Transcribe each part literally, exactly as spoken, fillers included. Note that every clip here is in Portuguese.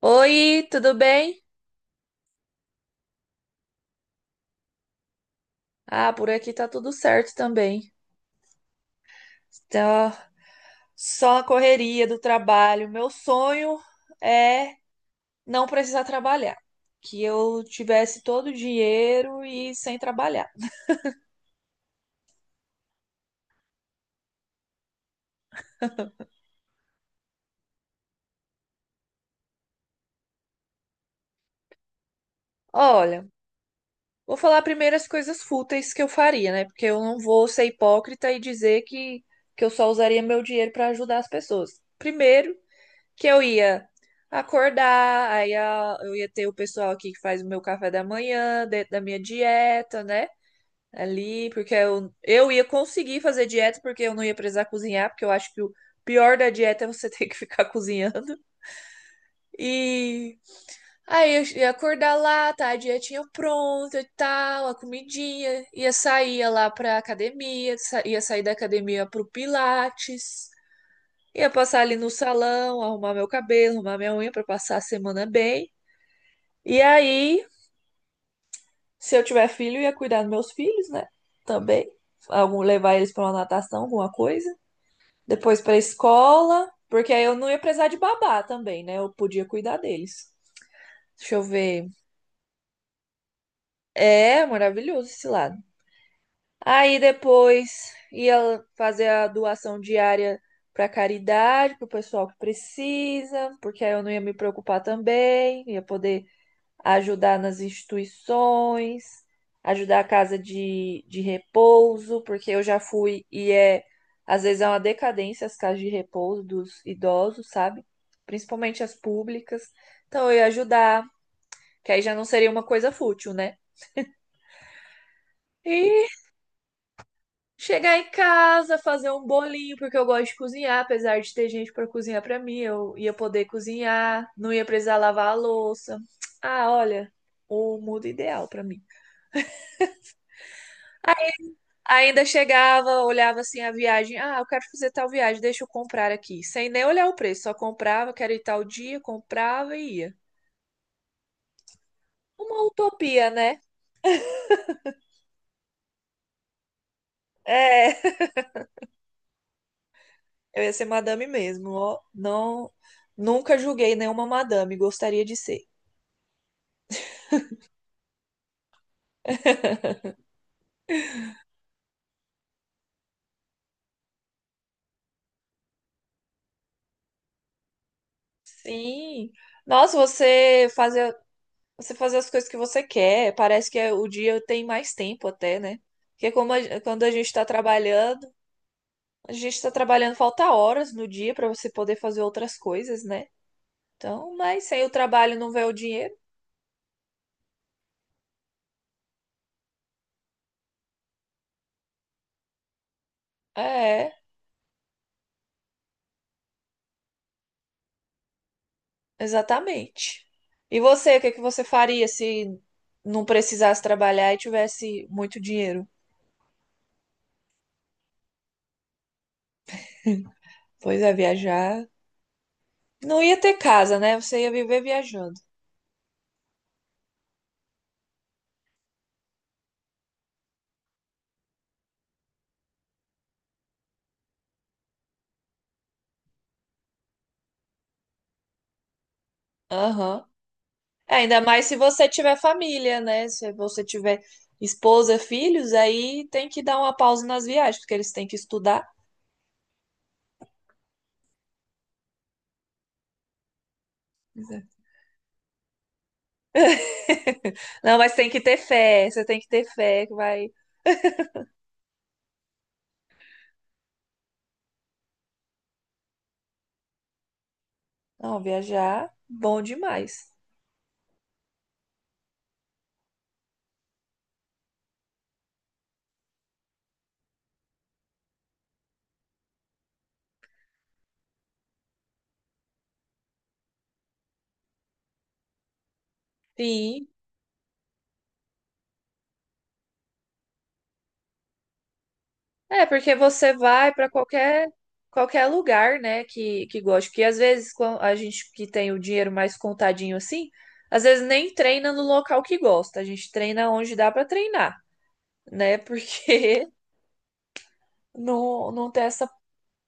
Oi, tudo bem? Ah, por aqui tá tudo certo também. Tá só a correria do trabalho. Meu sonho é não precisar trabalhar, que eu tivesse todo o dinheiro e sem trabalhar. Olha, vou falar primeiro as coisas fúteis que eu faria, né? Porque eu não vou ser hipócrita e dizer que, que eu só usaria meu dinheiro para ajudar as pessoas. Primeiro, que eu ia acordar, aí a- eu ia ter o pessoal aqui que faz o meu café da manhã, dentro da minha dieta, né? Ali, porque eu, eu ia conseguir fazer dieta, porque eu não ia precisar cozinhar, porque eu acho que o pior da dieta é você ter que ficar cozinhando. E aí eu ia acordar lá, tá? A dietinha pronta e tal, a comidinha. Ia sair ia lá pra academia, sa- ia sair da academia pro Pilates. Ia passar ali no salão, arrumar meu cabelo, arrumar minha unha pra passar a semana bem. E aí, se eu tiver filho, eu ia cuidar dos meus filhos, né? Também. Algum, levar eles pra uma natação, alguma coisa. Depois pra escola, porque aí eu não ia precisar de babá também, né? Eu podia cuidar deles. Deixa eu ver. É maravilhoso esse lado. Aí depois ia fazer a doação diária para caridade, para o pessoal que precisa, porque aí eu não ia me preocupar também, ia poder ajudar nas instituições, ajudar a casa de, de repouso, porque eu já fui e é, às vezes é uma decadência as casas de repouso dos idosos, sabe? Principalmente as públicas. Então eu ia ajudar, que aí já não seria uma coisa fútil, né? E chegar em casa, fazer um bolinho, porque eu gosto de cozinhar, apesar de ter gente para cozinhar para mim, eu ia poder cozinhar, não ia precisar lavar a louça. Ah, olha, o mundo ideal para mim. Ainda chegava, olhava assim a viagem. Ah, eu quero fazer tal viagem, deixa eu comprar aqui. Sem nem olhar o preço, só comprava, quero ir tal dia, comprava e ia. Uma utopia, né? É, eu ia ser madame mesmo, ó. Não, nunca julguei nenhuma madame, gostaria de ser. Sim. Nossa, você fazer, você fazer as coisas que você quer, parece que é- o dia tem mais tempo até, né? Porque como a- quando a gente está trabalhando, a gente tá trabalhando, falta horas no dia pra você poder fazer outras coisas, né? Então, mas sem o trabalho não vê o dinheiro. É, exatamente. E você, o que que você faria se não precisasse trabalhar e tivesse muito dinheiro? Pois é, viajar. Não ia ter casa, né? Você ia viver viajando. Aham. É, ainda mais se você tiver família, né? Se você tiver esposa, filhos, aí tem que dar uma pausa nas viagens, porque eles têm que estudar. Não, mas tem que ter fé, você tem que ter fé que vai. Não, viajar, bom demais. Sim. É, porque você vai para qualquer qualquer lugar, né, que que goste, porque às vezes quando a gente que tem o dinheiro mais contadinho assim, às vezes nem treina no local que gosta, a gente treina onde dá para treinar, né? Porque não não tem essa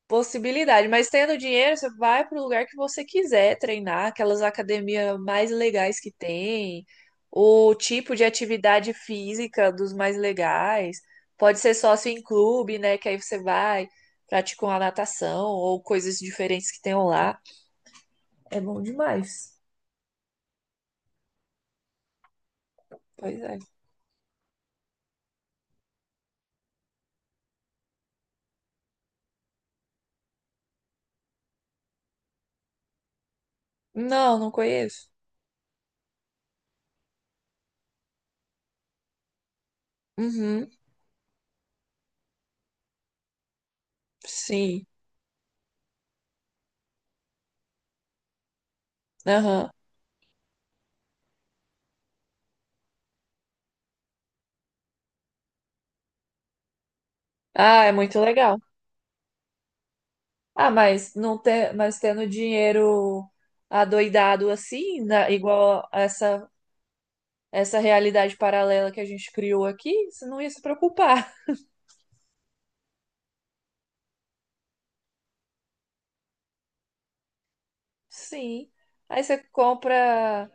possibilidade. Mas tendo dinheiro, você vai para o lugar que você quiser treinar, aquelas academias mais legais que tem, o tipo de atividade física dos mais legais. Pode ser sócio em clube, né? Que aí você vai, pratica uma natação ou coisas diferentes que tenham lá. É bom demais. Pois é. Não, não conheço. Uhum, sim. Aham. Ah, é muito legal. Ah, mas não ter, mas tendo dinheiro adoidado assim, na- igual essa essa realidade paralela que a gente criou aqui, você não ia se preocupar. Sim. Aí você compra,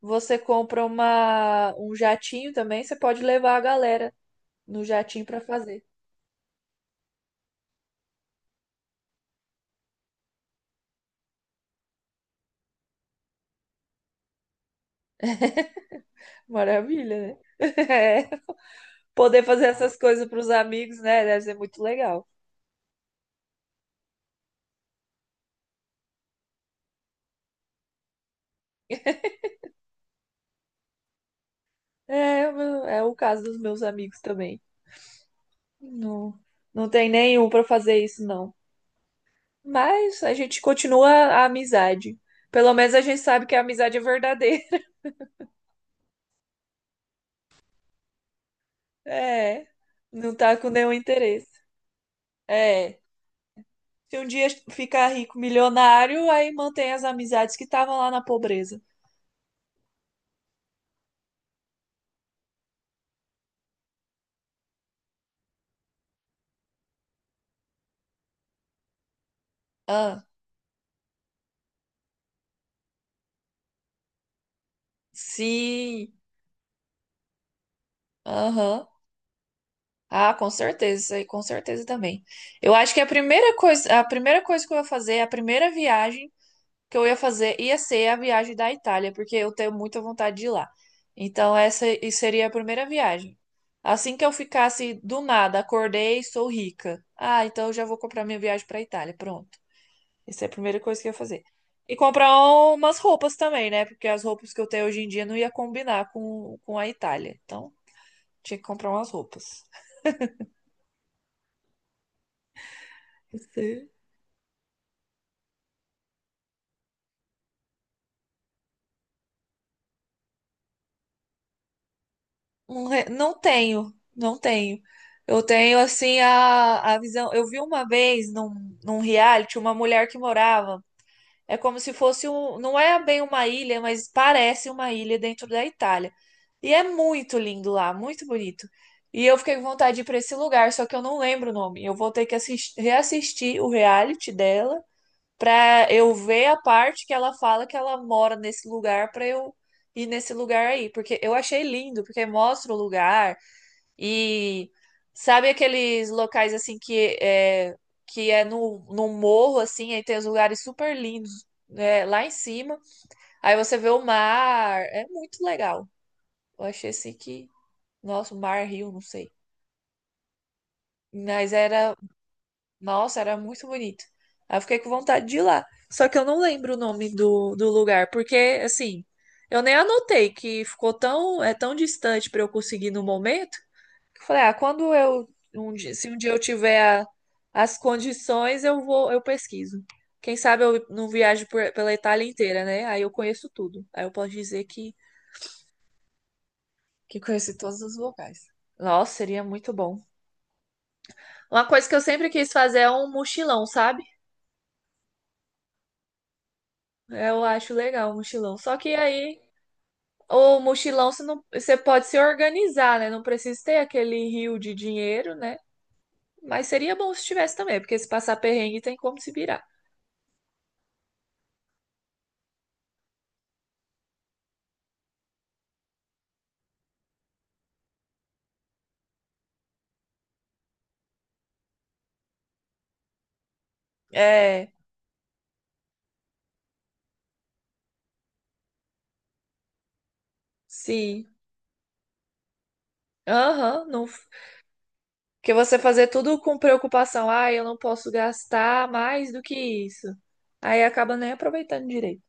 você compra uma um jatinho também, você pode levar a galera no jatinho pra fazer. Maravilha, né? É. Poder fazer essas coisas pros amigos, né? Deve ser muito legal. É, o meu- é o caso dos meus amigos também. Não, não tem nenhum pra fazer isso, não. Mas a gente continua a amizade. Pelo menos a gente sabe que a amizade é verdadeira. É, não tá com nenhum interesse. É, se um dia ficar rico, milionário, aí mantém as amizades que estavam lá na pobreza. Ah, sim. Aham. Ah, com certeza, isso aí com certeza também. Eu acho que a primeira coisa, a primeira coisa que eu vou fazer, a primeira viagem que eu ia fazer ia ser a viagem da Itália, porque eu tenho muita vontade de ir lá. Então, essa e- seria a primeira viagem. Assim que eu ficasse do nada, acordei, sou rica. Ah, então eu já vou comprar minha viagem para Itália. Pronto. Essa é a primeira coisa que eu ia fazer. E comprar umas roupas também, né? Porque as roupas que eu tenho hoje em dia não ia combinar com, com a Itália. Então, tinha que comprar umas roupas. Um re- Não tenho, não tenho. Eu tenho, assim, a, a visão. Eu vi uma vez num, num reality uma mulher que morava. É como se fosse um. Não é bem uma ilha, mas parece uma ilha dentro da Itália. E é muito lindo lá, muito bonito. E eu fiquei com vontade de ir para esse lugar, só que eu não lembro o nome. Eu vou ter que assistir, reassistir o reality dela pra eu ver a parte que ela fala que ela mora nesse lugar pra eu ir nesse lugar aí, porque eu achei lindo, porque mostra o lugar e sabe aqueles locais assim que é que é no, no morro assim, aí tem os lugares super lindos, né, lá em cima. Aí você vê o mar, é muito legal. Eu achei assim que, nossa, o mar, rio, não sei. Mas era nossa, era muito bonito. Aí eu fiquei com vontade de ir lá. Só que eu não lembro o nome do, do lugar, porque, assim, eu nem anotei que ficou tão, é tão distante para eu conseguir no momento, que eu falei, ah, quando eu, um dia- se um dia eu tiver a- as condições, eu vou, eu pesquiso. Quem sabe eu não viajo por- pela Itália inteira, né? Aí eu conheço tudo. Aí eu posso dizer que, que conheci todos os locais. Nossa, seria muito bom. Uma coisa que eu sempre quis fazer é um mochilão, sabe? Eu acho legal o mochilão. Só que aí, o mochilão você não, você pode se organizar, né? Não precisa ter aquele rio de dinheiro, né? Mas seria bom se tivesse também, porque se passar perrengue tem como se virar. É, sim. Aham, não, porque você fazer tudo com preocupação, ah, eu não posso gastar mais do que isso. Aí acaba nem aproveitando direito.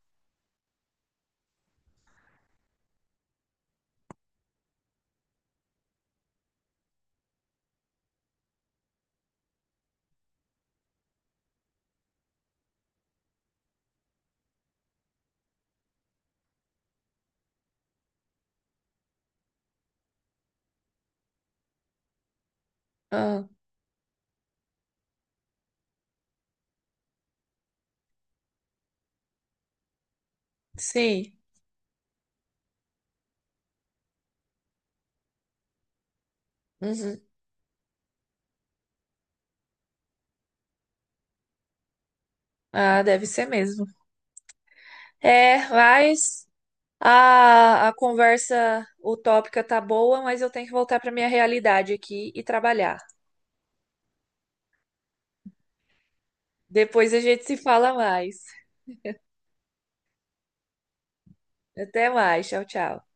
Ah, sim. Uhum. Ah, deve ser mesmo. É, mas A, a conversa utópica tá boa, mas eu tenho que voltar para minha realidade aqui e trabalhar. Depois a gente se fala mais. Até mais. Tchau, tchau.